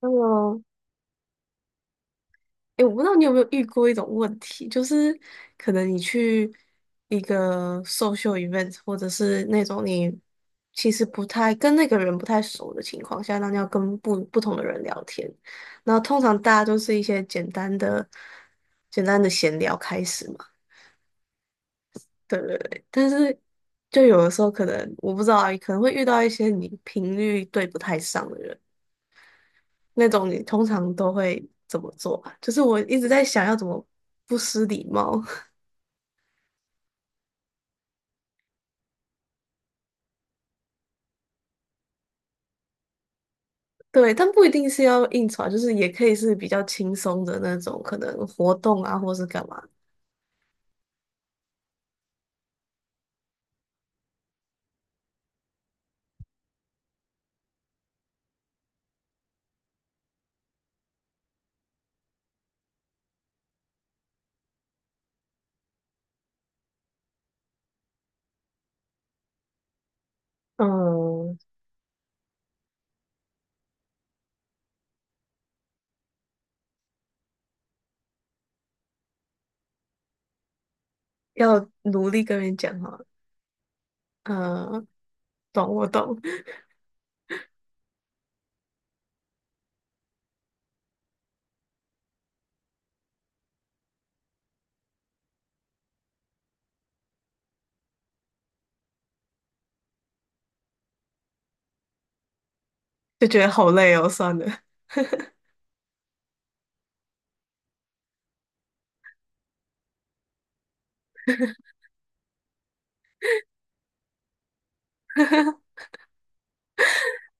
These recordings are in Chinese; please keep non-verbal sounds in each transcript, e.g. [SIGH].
嗯，诶，我不知道你有没有遇过一种问题，就是可能你去一个 social event，或者是那种你其实不太跟那个人不太熟的情况下，那你要跟不同的人聊天，然后通常大家都是一些简单的、简单的闲聊开始嘛，对对对。但是就有的时候可能我不知道啊，可能会遇到一些你频率对不太上的人。那种你通常都会怎么做啊？就是我一直在想要怎么不失礼貌，[LAUGHS] 对，但不一定是要应酬啊，就是也可以是比较轻松的那种，可能活动啊，或是干嘛。嗯，要努力跟人讲哈。嗯，懂我懂，[LAUGHS] 就觉得好累哦，算了。[LAUGHS]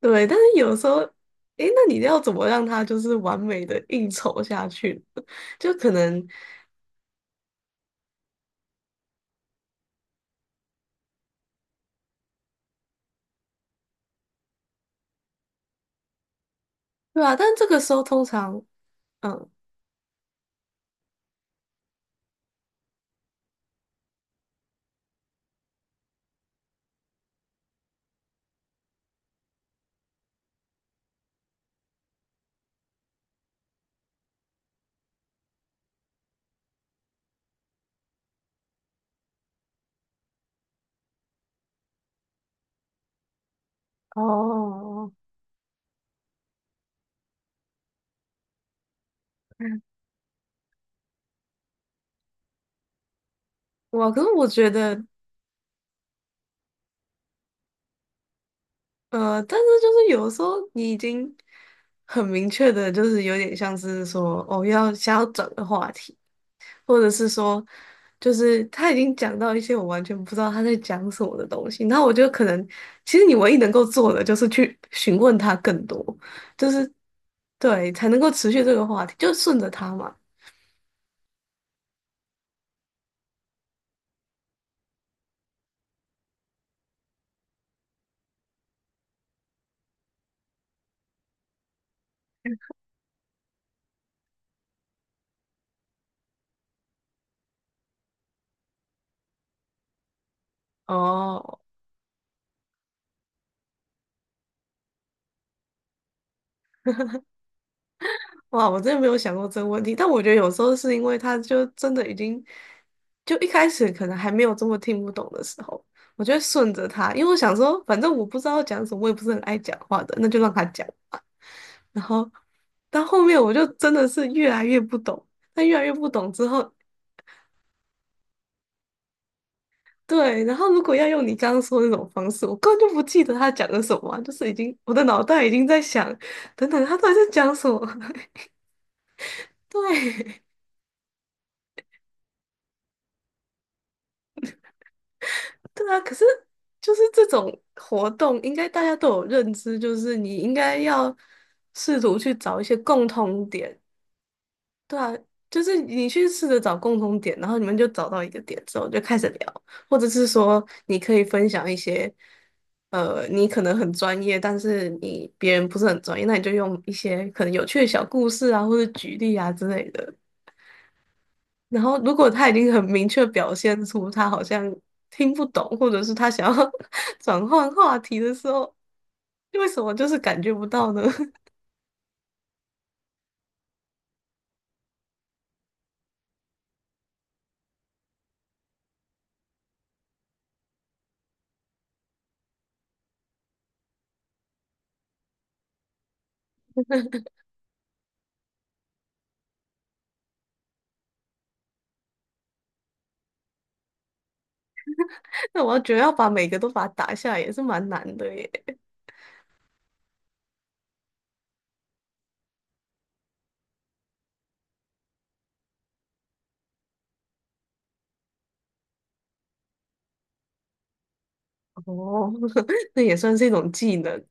对，但是有时候，诶，那你要怎么让他就是完美的应酬下去呢？ [LAUGHS] 就可能，对啊，但这个时候通常，嗯，哦，哇，可是我觉得。呃，但是就是有的时候你已经很明确的，就是有点像是说，哦，要想要转个话题，或者是说，就是他已经讲到一些我完全不知道他在讲什么的东西，那我就可能，其实你唯一能够做的就是去询问他更多，就是对，才能够持续这个话题，就顺着他嘛。哦，哇，我真的没有想过这个问题，但我觉得有时候是因为他就真的已经，就一开始可能还没有这么听不懂的时候，我就会顺着他，因为我想说，反正我不知道讲什么，我也不是很爱讲话的，那就让他讲吧。然后到后面我就真的是越来越不懂，但越来越不懂之后，对，然后如果要用你刚刚说的那种方式，我根本就不记得他讲的什么啊，就是已经我的脑袋已经在想，等等，他到底在讲什么？[LAUGHS] 对。对啊，可是就是这种活动，应该大家都有认知，就是你应该要试图去找一些共通点，就是你去试着找共通点，然后你们就找到一个点之后就开始聊，或者是说你可以分享一些，呃，你可能很专业，但是你别人不是很专业，那你就用一些可能有趣的小故事啊，或者举例啊之类的，然后如果他已经很明确表现出他好像听不懂，或者是他想要 [LAUGHS] 转换话题的时候，为什么就是感觉不到呢？[LAUGHS] 那我觉得要把每个都把它打下来也是蛮难的耶。哦，[LAUGHS] 那也算是一种技能。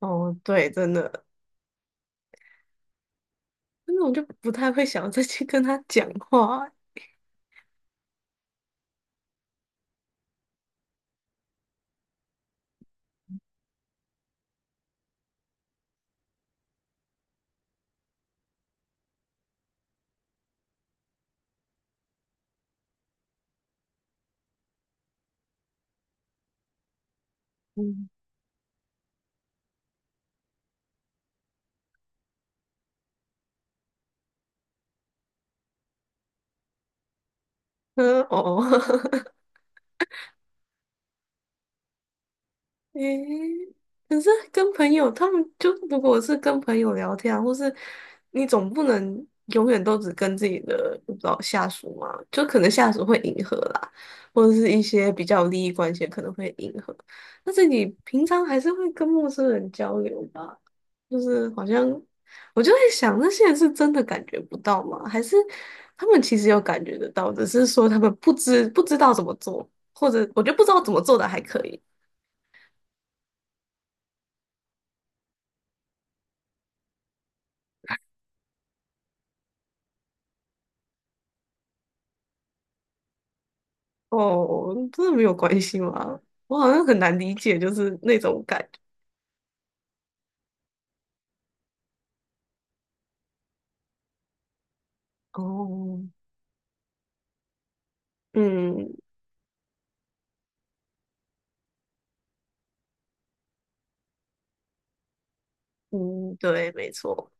哦，对，真的，那我就不太会想要再去跟他讲话。嗯，呃哦。[LAUGHS] 诶，可是跟朋友，他们就如果是跟朋友聊天啊，或是你总不能永远都只跟自己的不知道下属嘛，就可能下属会迎合啦，或者是一些比较有利益关系可能会迎合，但是你平常还是会跟陌生人交流吧，就是好像我就在想，那些人是真的感觉不到吗？还是他们其实有感觉得到，只是说他们不知道怎么做，或者我觉得不知道怎么做的还可以。哦，真的没有关系吗？我好像很难理解，就是那种感觉。哦，嗯嗯，对，没错。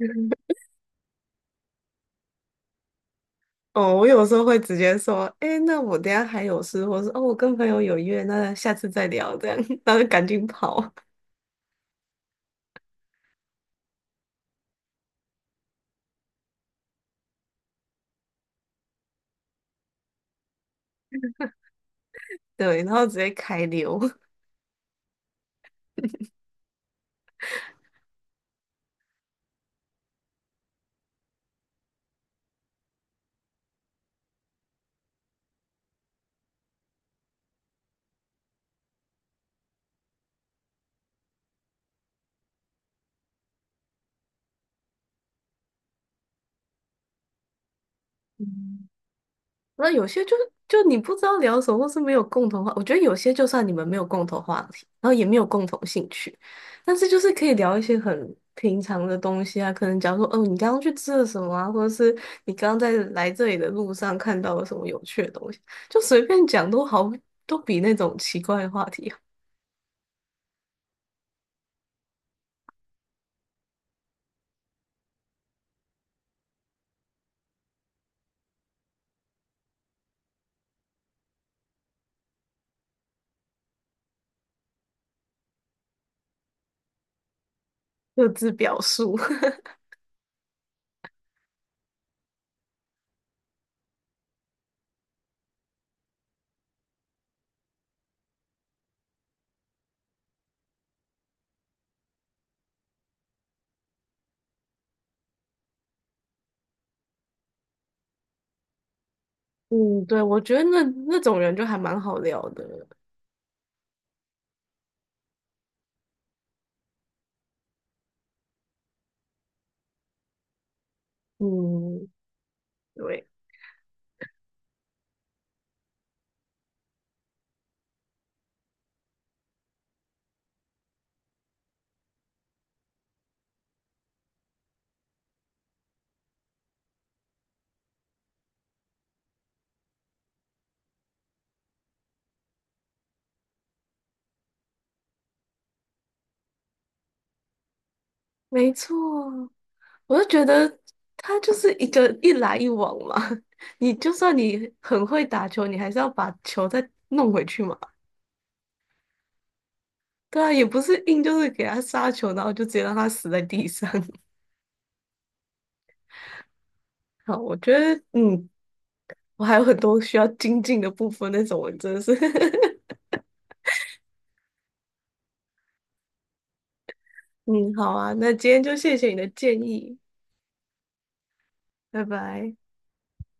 [LAUGHS] 哦，我有时候会直接说，哎，那我等一下还有事，或是哦，我跟朋友有约，那下次再聊，这样，[LAUGHS] 然后就赶紧跑，对，然后直接开溜。嗯，那有些就就你不知道聊什么，或是没有共同话，我觉得有些就算你们没有共同话题，然后也没有共同兴趣，但是就是可以聊一些很平常的东西啊，可能假如说，哦，你刚刚去吃了什么啊，或者是你刚刚在来这里的路上看到了什么有趣的东西，就随便讲都好，都比那种奇怪的话题各自表述。[LAUGHS] 嗯，对，我觉得那那种人就还蛮好聊的。嗯，对，没错。我就觉得它就是一个一来一往嘛。[LAUGHS] 你就算你很会打球，你还是要把球再弄回去嘛。对啊，也不是硬就是给他杀球，然后就直接让他死在地上。[LAUGHS] 好，我觉得嗯，我还有很多需要精进的部分，那种我真的是 [LAUGHS] 嗯，好啊，那今天就谢谢你的建议，拜拜。